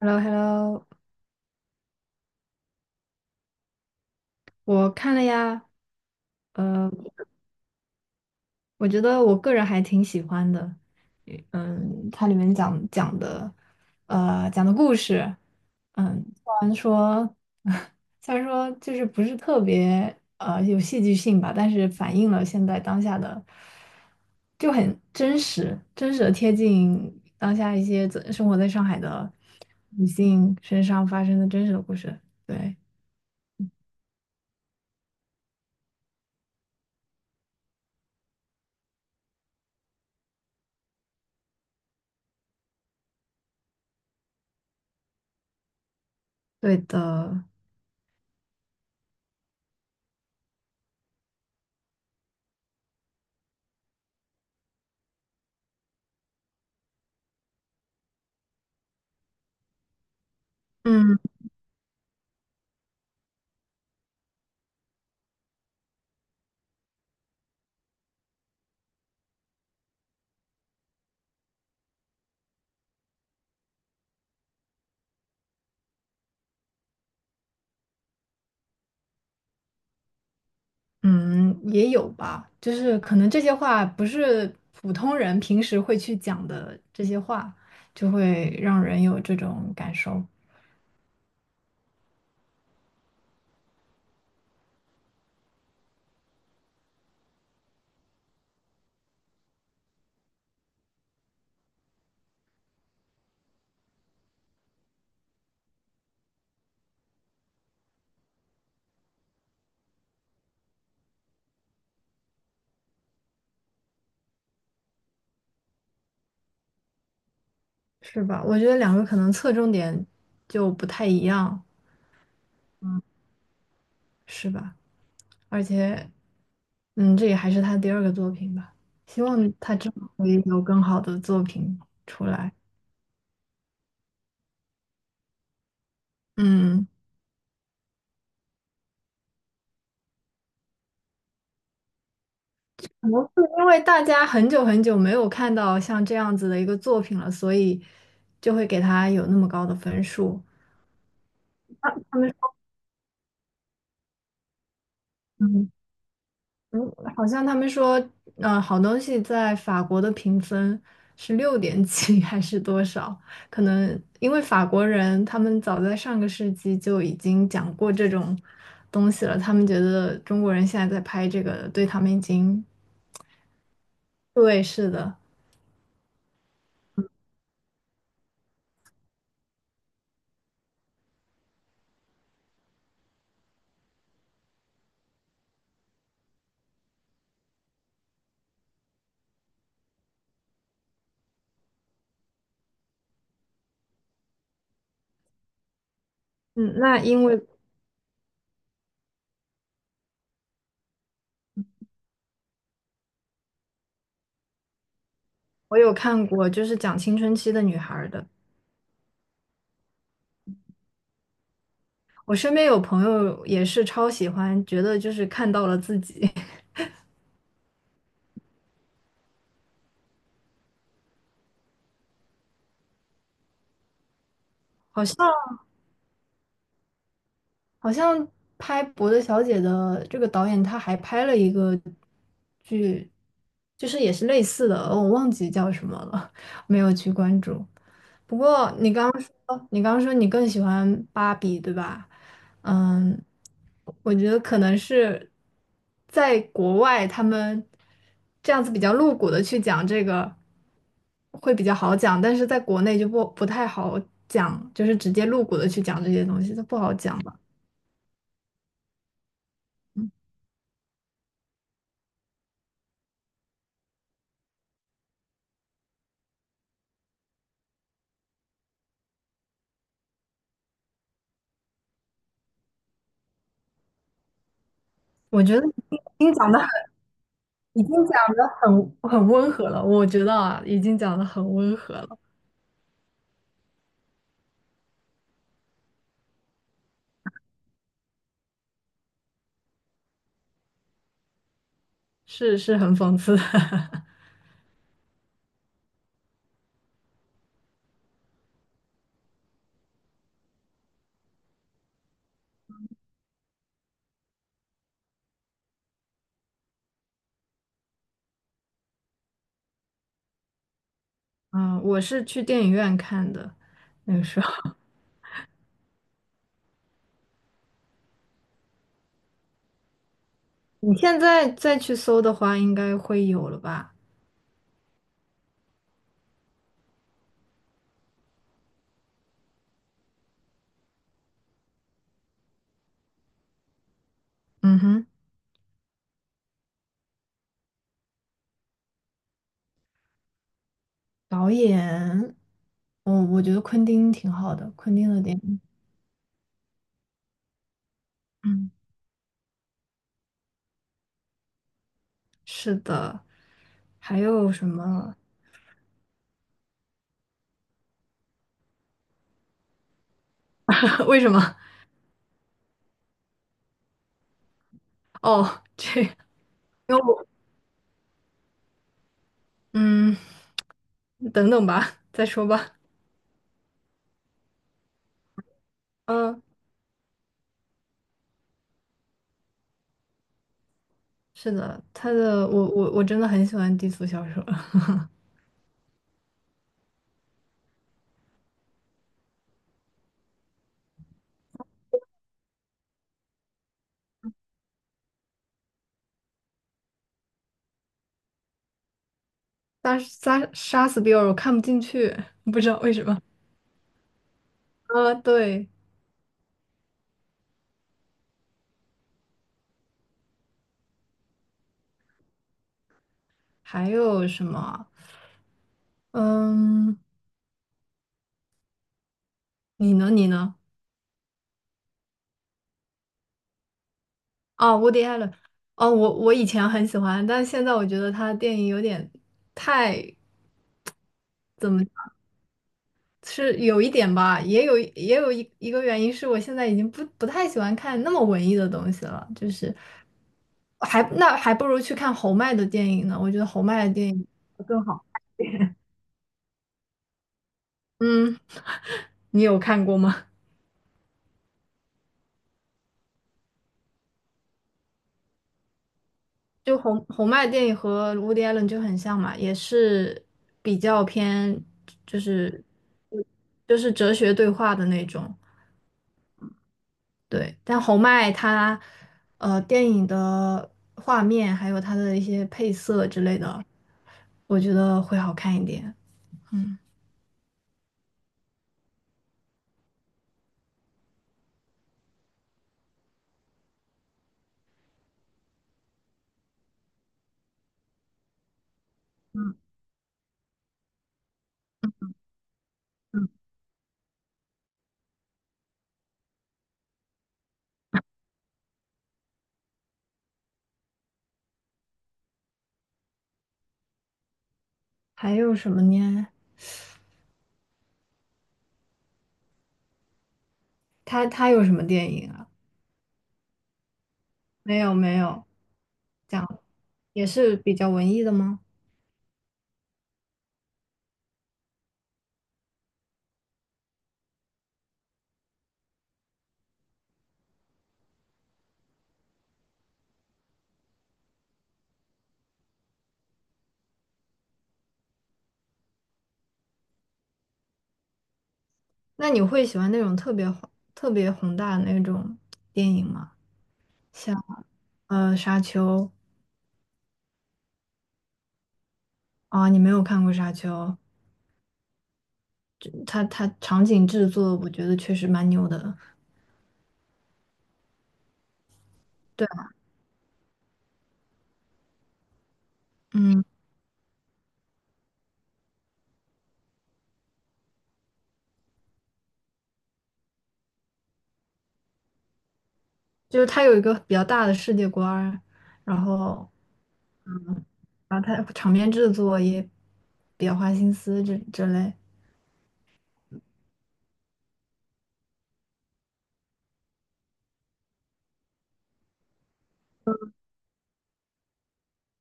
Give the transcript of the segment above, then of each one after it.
h e l l o h e l l o 我看了呀。呃，我觉得我个人还挺喜欢的。嗯，它里面讲的故事。嗯，虽然说，虽然说就是不是特别有戏剧性吧，但是反映了现在当下的，就很真实，真实的贴近当下一些在生活在上海的女性身上发生的真实的故事，对，对的。嗯。嗯，也有吧，就是可能这些话不是普通人平时会去讲的这些话，就会让人有这种感受。是吧？我觉得两个可能侧重点就不太一样。是吧？而且，嗯，这也还是他第二个作品吧，希望他之后会有更好的作品出来。嗯，可能是因为大家很久很久没有看到像这样子的一个作品了，所以就会给他有那么高的分数。他们。嗯，嗯好像他们说，嗯，好东西在法国的评分是六点几 还是多少？可能因为法国人他们早在上个世纪就已经讲过这种东西了，他们觉得中国人现在在拍这个，对他们已经，对，是的。嗯，那因为我有看过，就是讲青春期的女孩儿的，我身边有朋友也是超喜欢，觉得就是看到了自己。好像好像拍《伯德小姐》的这个导演，他还拍了一个剧，就是也是类似的，我忘记叫什么了，没有去关注。不过你刚刚说你更喜欢芭比，对吧？嗯，我觉得可能是在国外，他们这样子比较露骨的去讲这个会比较好讲，但是在国内就不太好讲，就是直接露骨的去讲这些东西，它不好讲。吧。我觉得已经讲的很，已经讲的很温和了。我觉得啊，已经讲的很温和了，是是很讽刺的。嗯，我是去电影院看的，那个时候。你现在再去搜的话，应该会有了吧？嗯哼。导演，我觉得昆汀挺好的，昆汀的电影。嗯，是的。还有什么？为什么？哦，这，因为我嗯，等等吧，再说吧。嗯。是的，他的我真的很喜欢低俗小说。杀死比尔我看不进去，不知道为什么。对。还有什么啊嗯，你呢？你呢？啊，我迪艾了。哦，我以前很喜欢，但现在我觉得他的电影有点太怎么？是有一点吧，也有一个原因是我现在已经不太喜欢看那么文艺的东西了，就是还那还不如去看侯麦的电影呢，我觉得侯麦的电影更好。嗯，你有看过吗？就侯麦电影和 Woody Allen 就很像嘛，也是比较偏就是就是哲学对话的那种。对，但侯麦他，电影的画面还有他的一些配色之类的，我觉得会好看一点。嗯嗯，还有什么呢？他他有什么电影啊？没有没有，讲，也是比较文艺的吗？那你会喜欢那种特别宏大的那种电影吗？像《沙丘》啊，你没有看过《沙丘》，它它场景制作我觉得确实蛮牛的。对，嗯。就是他有一个比较大的世界观儿然后嗯，然后他场面制作也比较花心思这这类，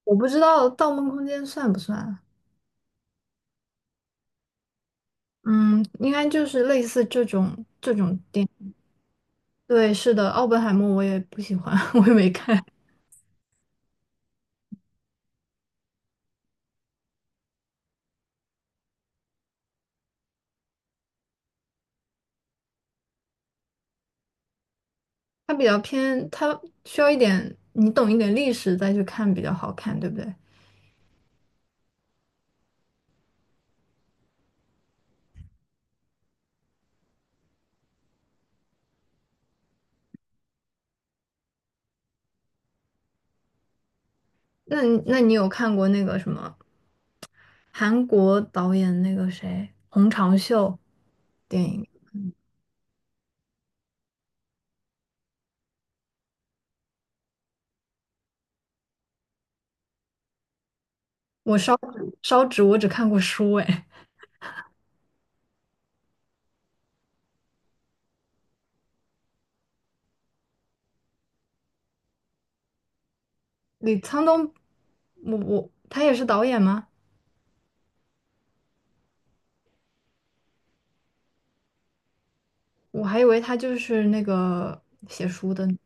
我不知道《盗梦空间》算不算，嗯，应该就是类似这种这种电影。对，是的，奥本海默我也不喜欢。我也没看，它比较偏，它需要一点你懂一点历史再去看比较好看，对不对？那你有看过那个什么韩国导演那个谁洪长秀？电影？我烧纸我只看过书哎，李沧东，我他也是导演吗？我还以为他就是那个写书的呢。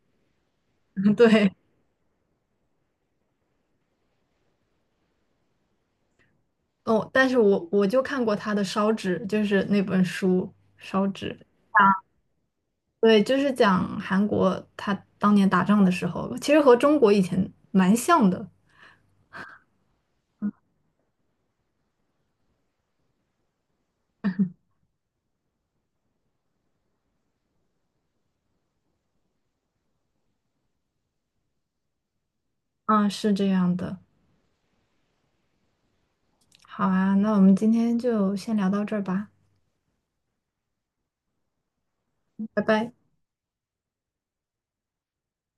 对哦，但是我就看过他的烧纸，就是那本书烧纸，对，就是讲韩国他当年打仗的时候，其实和中国以前蛮像的，嗯，是这样的。好啊，那我们今天就先聊到这儿吧，拜拜。